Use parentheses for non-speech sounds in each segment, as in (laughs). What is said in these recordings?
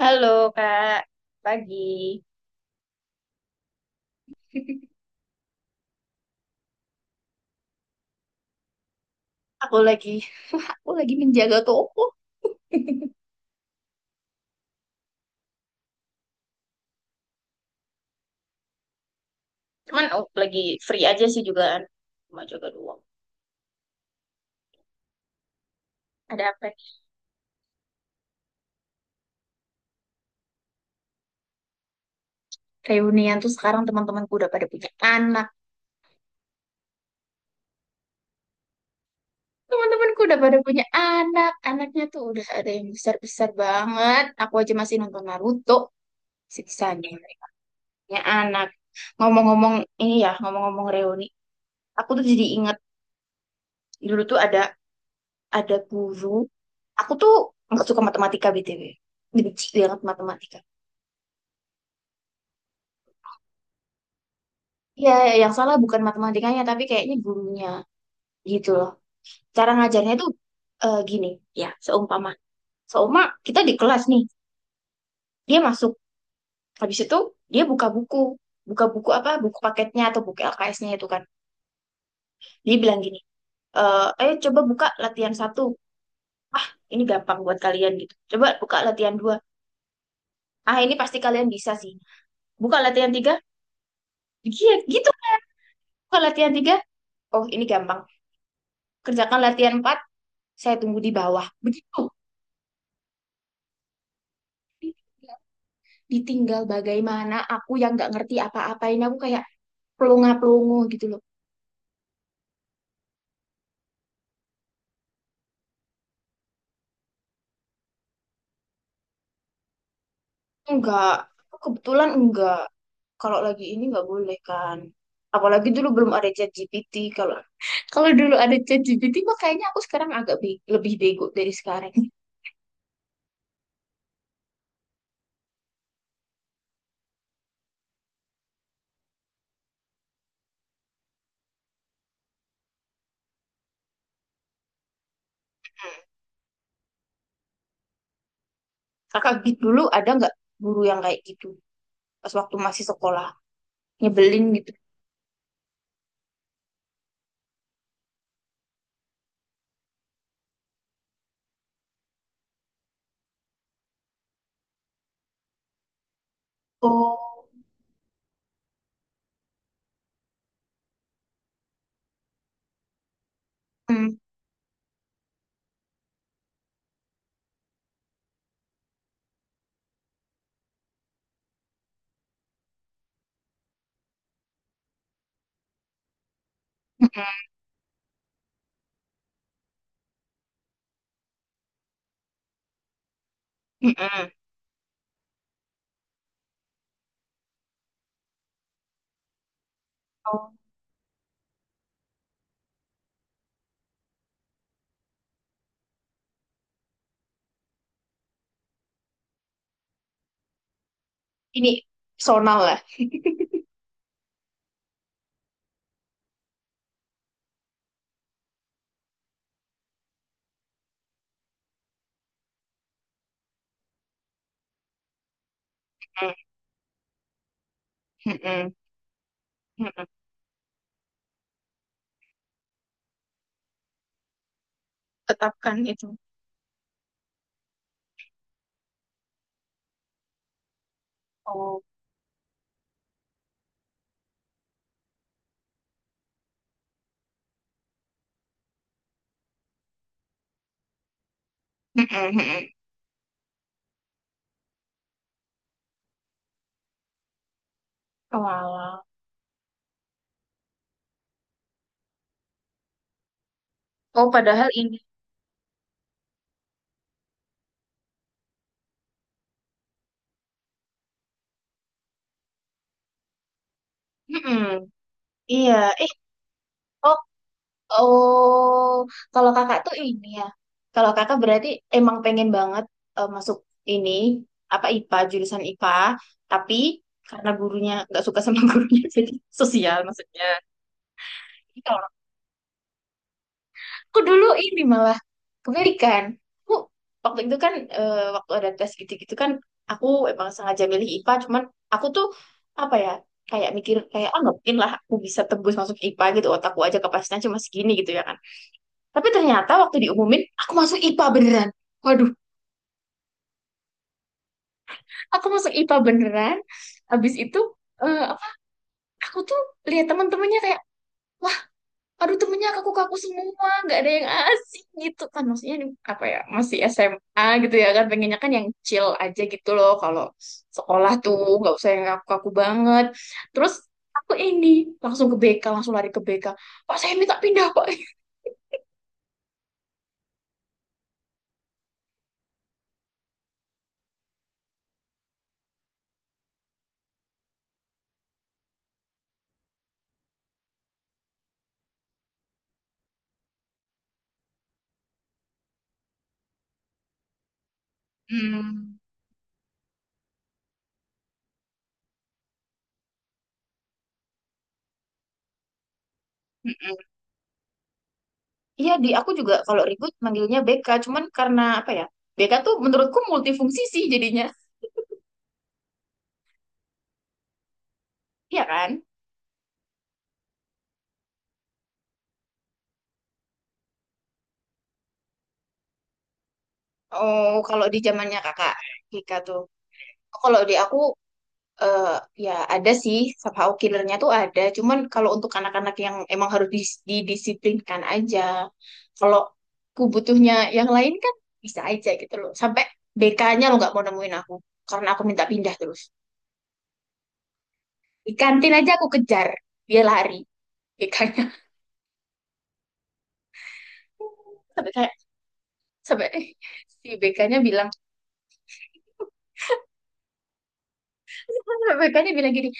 Halo Kak, pagi. Aku lagi, aku lagi menjaga toko. Cuman aku lagi free aja sih juga kan. Cuma jaga doang. Ada apa nih? Reunian tuh sekarang teman-temanku udah pada punya anak. Teman-temanku udah pada punya anak. Anaknya tuh udah ada yang besar-besar banget. Aku aja masih nonton Naruto. Sisanya mereka punya anak. Ngomong-ngomong ini ya, ngomong-ngomong reuni. Aku tuh jadi inget dulu tuh ada guru, aku tuh nggak suka matematika BTW, benci banget matematika. Ya, yang salah bukan matematikanya tapi kayaknya gurunya, gitu loh, cara ngajarnya tuh eh, gini, ya seumpama seumpama kita di kelas nih, dia masuk, habis itu dia buka buku, buka buku apa, buku paketnya atau buku LKS-nya itu kan, dia bilang gini, eh ayo coba buka latihan satu, ini gampang buat kalian gitu, coba buka latihan dua, ah ini pasti kalian bisa sih, buka latihan tiga. Iya, gitu, buka latihan tiga, oh ini gampang. Kerjakan latihan empat, saya tunggu di bawah. Begitu. Ditinggal bagaimana aku yang nggak ngerti apa-apain. Aku kayak pelongo-pelongo gitu loh. Enggak. Kebetulan enggak. Kalau lagi ini nggak boleh kan. Apalagi dulu belum ada ChatGPT. Kalau (laughs) kalau dulu ada ChatGPT mah kayaknya aku sekarang lebih bego dari sekarang. Kakak gitu dulu ada nggak guru yang kayak gitu pas waktu masih sekolah, nyebelin gitu? Oh, mm, mm, mm, mm. Ini personal lah. (laughs) Mm, mm, mm, mm. Tetapkan itu. Oh, mm, mm, mm. Walah. Oh, padahal ini. Mm-mm. Iya, eh, oh, oh, kalau kakak tuh ini ya, kalau kakak berarti emang pengen banget masuk ini apa, IPA, jurusan IPA, tapi karena gurunya nggak suka sama (laughs) gurunya jadi sosial maksudnya. Aku dulu ini malah kebalikan. Aku waktu itu kan waktu ada tes gitu-gitu kan, aku emang sengaja milih IPA, cuman aku tuh apa ya, kayak mikir kayak ah nggak mungkin lah aku bisa tembus masuk IPA gitu, otakku aja kapasitasnya cuma segini gitu ya kan. Tapi ternyata waktu diumumin aku masuk IPA beneran. Waduh, aku masuk IPA beneran. Habis itu eh, apa- aku tuh lihat teman-temannya kayak aduh, temennya kaku-kaku semua, nggak ada yang asik gitu kan, maksudnya ini apa ya, masih SMA gitu ya kan, pengennya kan yang chill aja gitu loh, kalau sekolah tuh nggak usah yang kaku-kaku banget. Terus aku ini langsung ke BK, langsung lari ke BK, Pak saya minta pindah Pak. Hmm. Mm-mm. Iya, di aku juga kalau ribut manggilnya BK, cuman karena apa ya? BK tuh menurutku multifungsi sih jadinya, iya kan? Oh kalau di zamannya kakak BK tuh, kalau di aku eh ya, ada sih somehow killernya tuh ada, cuman kalau untuk anak-anak yang emang harus didisiplinkan aja, kalau aku butuhnya yang lain kan, bisa aja gitu loh sampai BK-nya lo nggak mau nemuin aku karena aku minta pindah terus, di kantin aja aku kejar, dia lari BK-nya. (laughs) Sampai kayak sampai (laughs) si BK-nya bilang, (laughs) BK-nya bilang gini,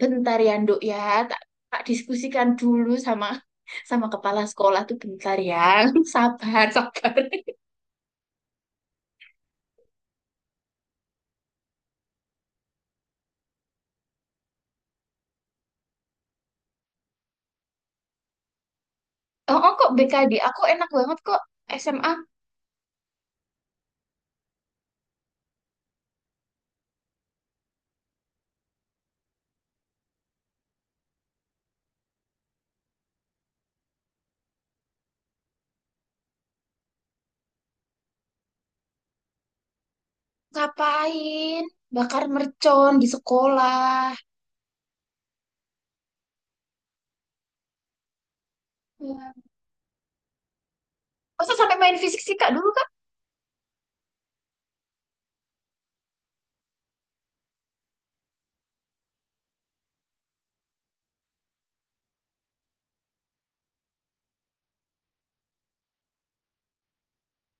bentar ya Nduk ya, tak, tak diskusikan dulu sama sama kepala sekolah tuh, bentar ya. (laughs) Sabar, sabar. Oh, oh, kok BKD? Aku enak banget kok SMA. Ngapain? Bakar mercon di sekolah. Hmm. Masa sampai main fisik fisika dulu, Kak?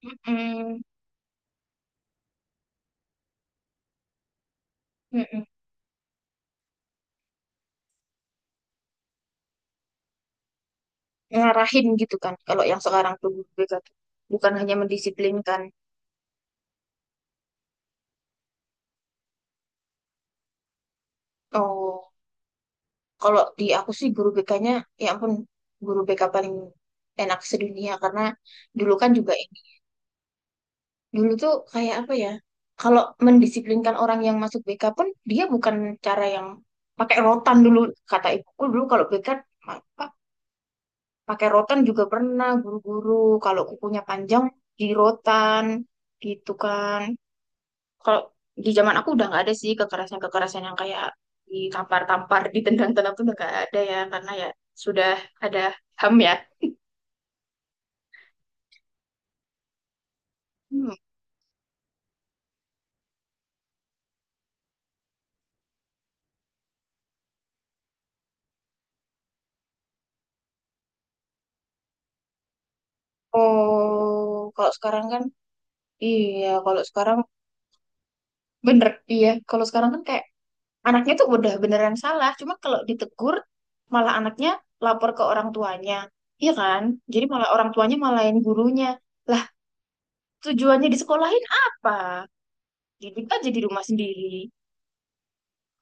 Mm-mm. Mm-mm. Ngarahin gitu kan. Kalau yang sekarang tuh guru BK tuh. Bukan hanya mendisiplinkan. Oh, kalau di aku sih guru BK-nya, ya ampun, guru BK paling enak sedunia. Karena dulu kan juga, dulu tuh kayak apa ya? Kalau mendisiplinkan orang yang masuk BK pun dia bukan cara yang pakai rotan dulu, kata ibuku dulu kalau BK apa, pakai rotan juga pernah, guru-guru kalau kukunya panjang di rotan gitu kan. Kalau di zaman aku udah nggak ada sih kekerasan-kekerasan yang kayak ditampar-tampar, ditendang-tendang, tuh udah nggak ada ya, karena ya sudah ada HAM ya. Hmm. Oh, kalau sekarang kan iya, kalau sekarang bener, iya, kalau sekarang kan kayak anaknya tuh udah beneran salah, cuma kalau ditegur malah anaknya lapor ke orang tuanya, iya kan, jadi malah orang tuanya malahin gurunya lah, tujuannya disekolahin apa, didik aja di rumah sendiri,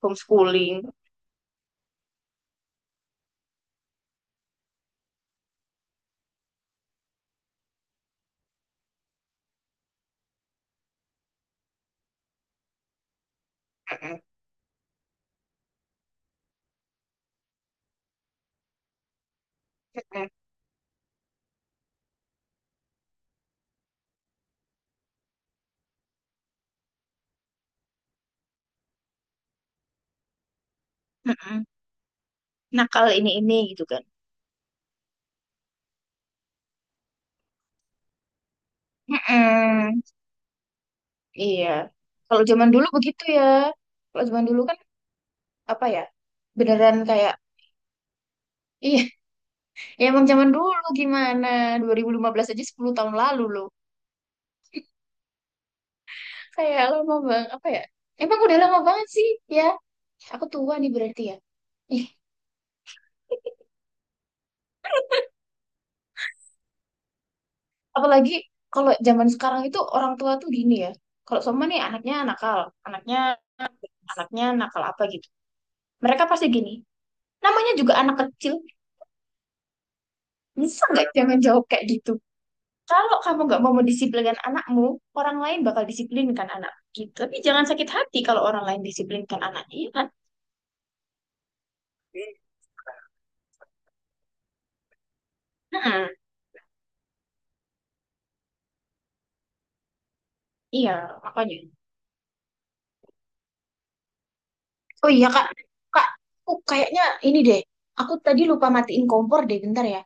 homeschooling. Mm-mm, mm-mm, mm-mm. Nakal ini gitu kan. Mm-mm. Iya, kalau zaman dulu begitu ya, kalau zaman dulu kan apa ya, beneran kayak, iya ya emang zaman dulu gimana. 2015 aja 10 tahun lalu loh. Kayak lama bang, apa ya? Emang udah lama banget sih, ya. Aku tua nih berarti ya. Ih, apalagi kalau zaman sekarang itu orang tua tuh gini ya. Kalau sama nih anaknya nakal, anaknya anaknya nakal apa gitu. Mereka pasti gini. Namanya juga anak kecil, bisa nggak jangan jawab kayak gitu. Kalau kamu nggak mau mendisiplinkan anakmu, orang lain bakal disiplinkan anak gitu. Tapi jangan sakit hati kalau orang lain disiplinkan anaknya, ya kan? Hmm. Hmm, iya, makanya. Oh iya kak, aku kayaknya ini deh. Aku tadi lupa matiin kompor deh, bentar ya.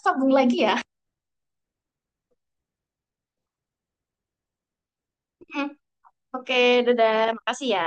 Sambung lagi ya. (laughs) Oke, dadah. Makasih ya.